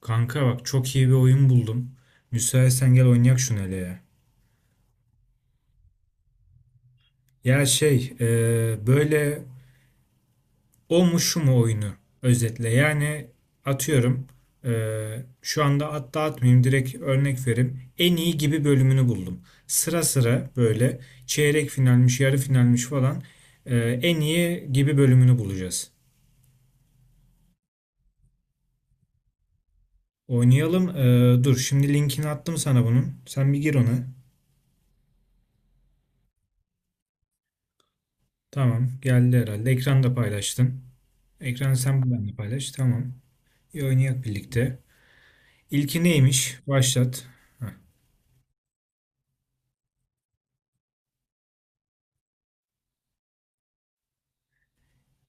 Kanka bak çok iyi bir oyun buldum. Müsaitsen gel oynayak şunu hele ya. Ya böyle o mu şu mu oyunu özetle. Yani atıyorum, şu anda hatta atmayayım, direkt örnek vereyim. En iyi gibi bölümünü buldum. Sıra sıra böyle çeyrek finalmiş yarı finalmiş falan, en iyi gibi bölümünü bulacağız. Oynayalım. Dur şimdi linkini attım sana bunun. Sen bir gir ona. Tamam geldi herhalde. Ekranda paylaştım. Ekranı sen benimle paylaş. Tamam. İyi oynayak birlikte. İlki neymiş? Başlat. Heh.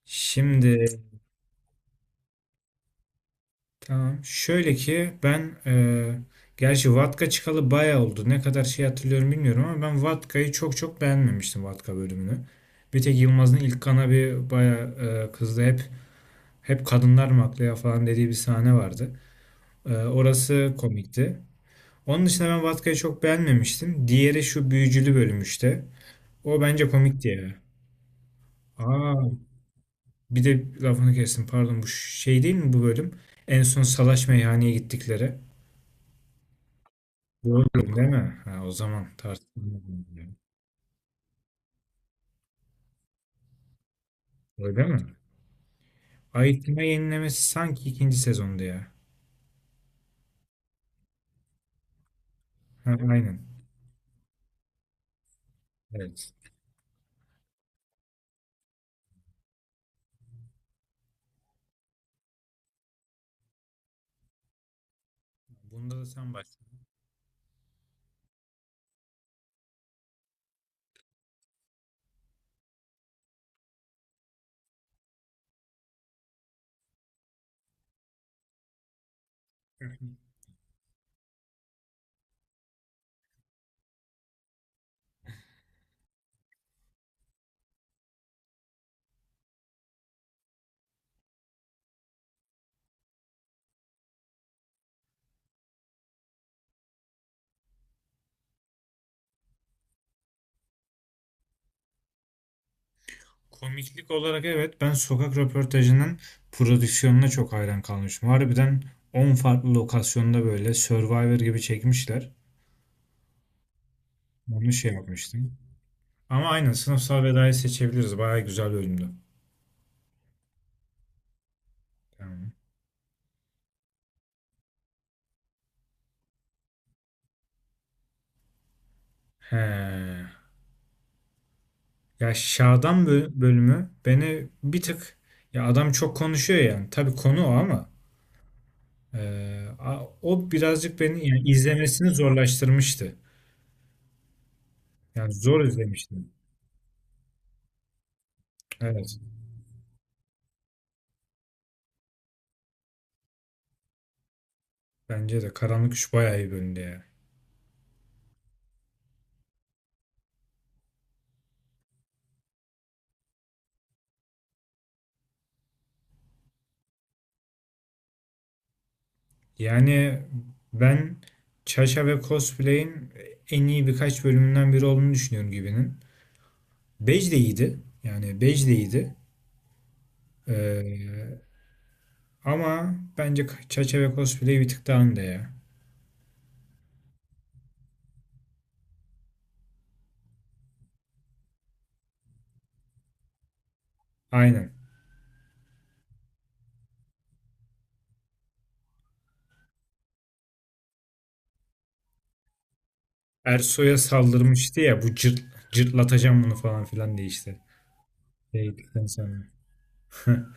Şimdi tamam. Şöyle ki ben, gerçi Vatka çıkalı bayağı oldu. Ne kadar şey hatırlıyorum bilmiyorum ama ben Vatka'yı çok çok beğenmemiştim, Vatka bölümünü. Bir tek Yılmaz'ın ilk kana bir bayağı, kızdı. Hep kadınlar mı haklı ya falan dediği bir sahne vardı. Orası komikti. Onun dışında ben Vatka'yı çok beğenmemiştim. Diğeri şu büyücülü bölüm işte. O bence komikti ya. Aa, bir de lafını kestim. Pardon, bu şey değil mi bu bölüm? En son salaş meyhaneye gittikleri. Bu bölüm değil mi? Ha, o zaman tartışmalı. Öyle mi? Ayıtma yenilemesi sanki ikinci sezonda ya. Ha, aynen. Evet. Bunda da sen başla. Komiklik olarak evet, ben sokak röportajının prodüksiyonuna çok hayran kalmışım. Harbiden 10 farklı lokasyonda böyle Survivor gibi çekmişler. Onu şey yapmıştım. Ama aynen sınıfsal vedayı seçebiliriz. Bayağı güzel bölümdü. Tamam. He. Ya bölümü beni bir tık, ya adam çok konuşuyor yani. Tabii konu o ama, e, o birazcık beni yani izlemesini zorlaştırmıştı. Yani zor izlemiştim. Evet. Bence de Karanlık Üç bayağı iyi bölümdü ya. Yani ben Çaşa ve Cosplay'in en iyi birkaç bölümünden biri olduğunu düşünüyorum gibinin. Bej de iyiydi. Yani Bej de iyiydi. E, Ama bence Çaşa ve Cosplay bir tık daha önde ya. Aynen. Ersoy'a saldırmıştı ya bu cırt, cırtlatacağım bunu falan filan diye işte. Değildikten sonra.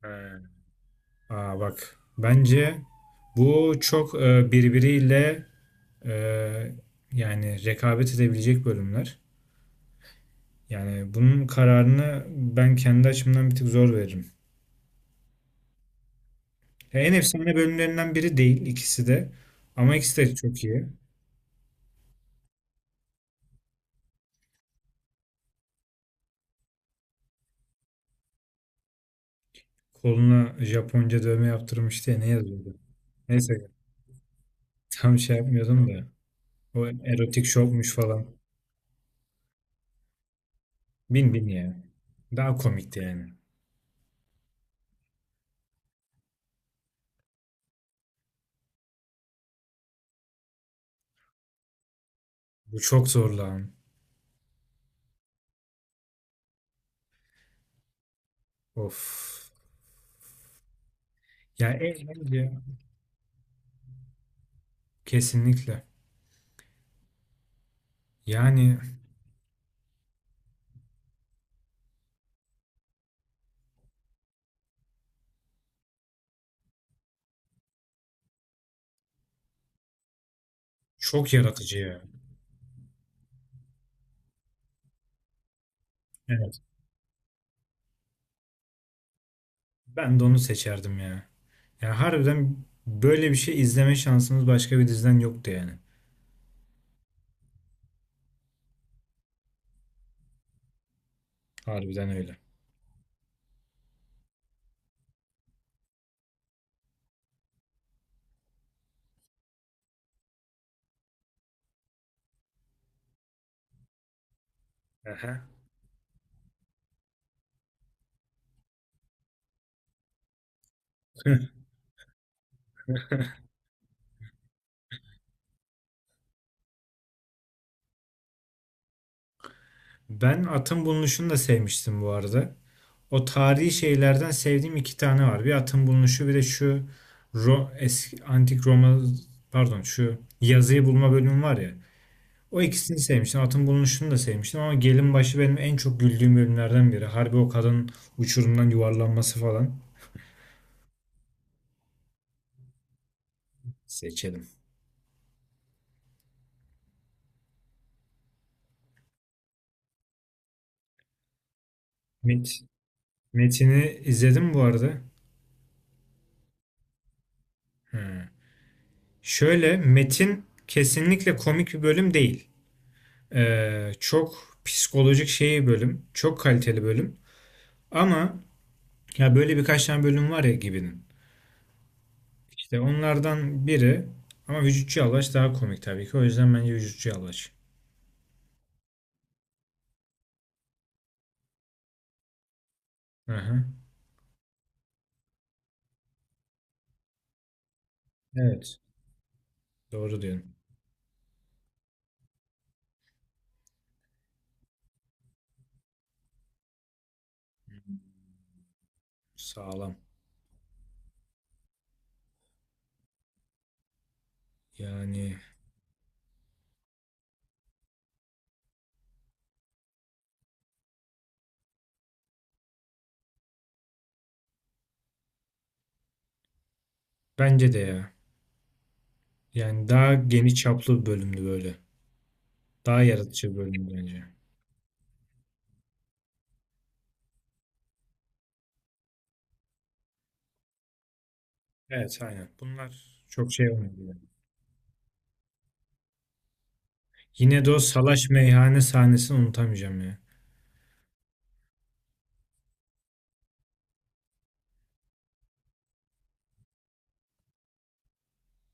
Ha. Aa bak. Bence bu çok, e, yani rekabet edebilecek bölümler. Yani bunun kararını ben kendi açımdan bir tık zor veririm. Ya en efsane bölümlerinden biri değil ikisi de. Ama ikisi de çok iyi. Koluna Japonca dövme yaptırmıştı ya, ne yazıyordu? Neyse, tam şey yapmıyordum da. O erotik şokmuş falan. Bin bin ya. Daha komikti yani. Bu çok zor lan. Of. Ya eğlence. Kesinlikle. Yani çok yaratıcı ya. Evet. Ben de onu seçerdim ya. Ya harbiden böyle bir şey izleme şansımız başka bir diziden yoktu yani. Harbiden öyle. Aha. Ben Atın Bulunuşu'nu da sevmiştim bu arada. O tarihi şeylerden sevdiğim iki tane var. Bir atın bulunuşu, bir de şu eski, antik Roma, pardon, şu yazıyı bulma bölümü var ya. O ikisini sevmiştim. Atın bulunuşunu da sevmiştim ama Gelinbaşı benim en çok güldüğüm bölümlerden biri. Harbi o kadın uçurumdan yuvarlanması falan. Seçelim. Met Metin'i izledim bu arada. Hı. Şöyle Metin kesinlikle komik bir bölüm değil. Çok psikolojik şey bir bölüm. Çok kaliteli bölüm. Ama ya böyle birkaç tane bölüm var ya gibinin. İşte onlardan biri ama Vücutçu Yalvaç daha komik tabii ki. O yüzden bence Vücutçu Yalvaç. Hı hı. Evet. Doğru diyorsun. Sağlam. Yani bence de ya. Yani daha geniş çaplı bir bölümdü böyle. Daha yaratıcı bir bölümdü bence. Evet aynen. Bunlar çok şey olmadı yani. Yine de o salaş meyhane sahnesini unutamayacağım ya.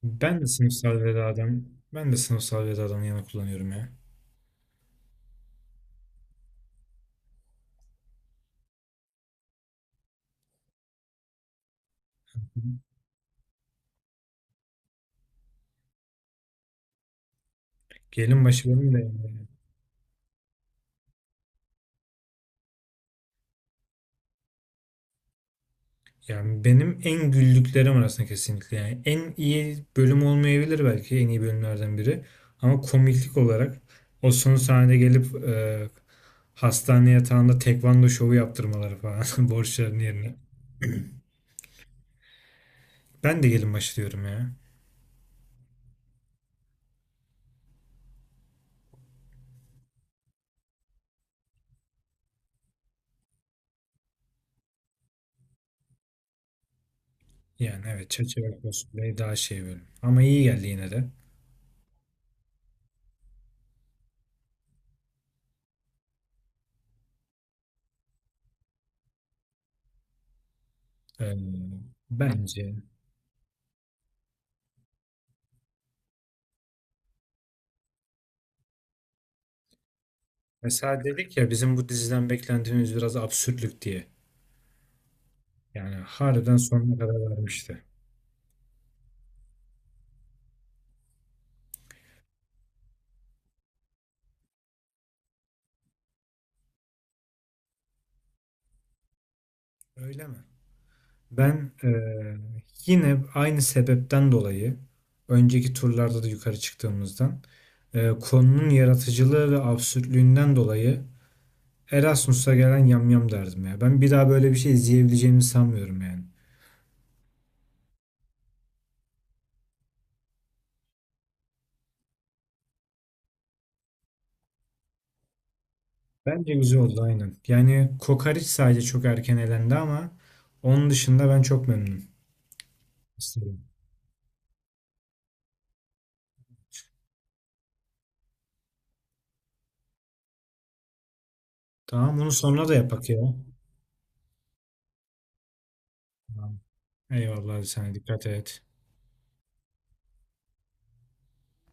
Ben de sınıfsal veda adam. Ben de sınıfsal veda adamı yana kullanıyorum ya. Gelin başı benim de yani. Yani benim en güldüklerim arasında kesinlikle. Yani en iyi bölüm olmayabilir, belki en iyi bölümlerden biri. Ama komiklik olarak o son sahnede gelip, hastane yatağında tekvando şovu yaptırmaları falan borçların yerine. Ben de gelin başlıyorum ya. Yani evet, Çerçeve Cosplay daha şey bölüm. Ama iyi geldi yine de. Ee, Bence. Mesela dedik ya, bizim bu diziden beklentimiz biraz absürtlük diye. Yani harbiden sonuna kadar vermişti. Öyle mi? Ben yine aynı sebepten dolayı, önceki turlarda da yukarı çıktığımızdan, konunun yaratıcılığı ve absürtlüğünden dolayı Erasmus'a gelen yamyam derdim ya. Ben bir daha böyle bir şey izleyebileceğimi sanmıyorum yani. Bence güzel oldu aynen. Yani Kokariç sadece çok erken elendi ama onun dışında ben çok memnunum. İsterim. Tamam, bunu sonra da yapak ya. Tamam. Eyvallah, sen dikkat et.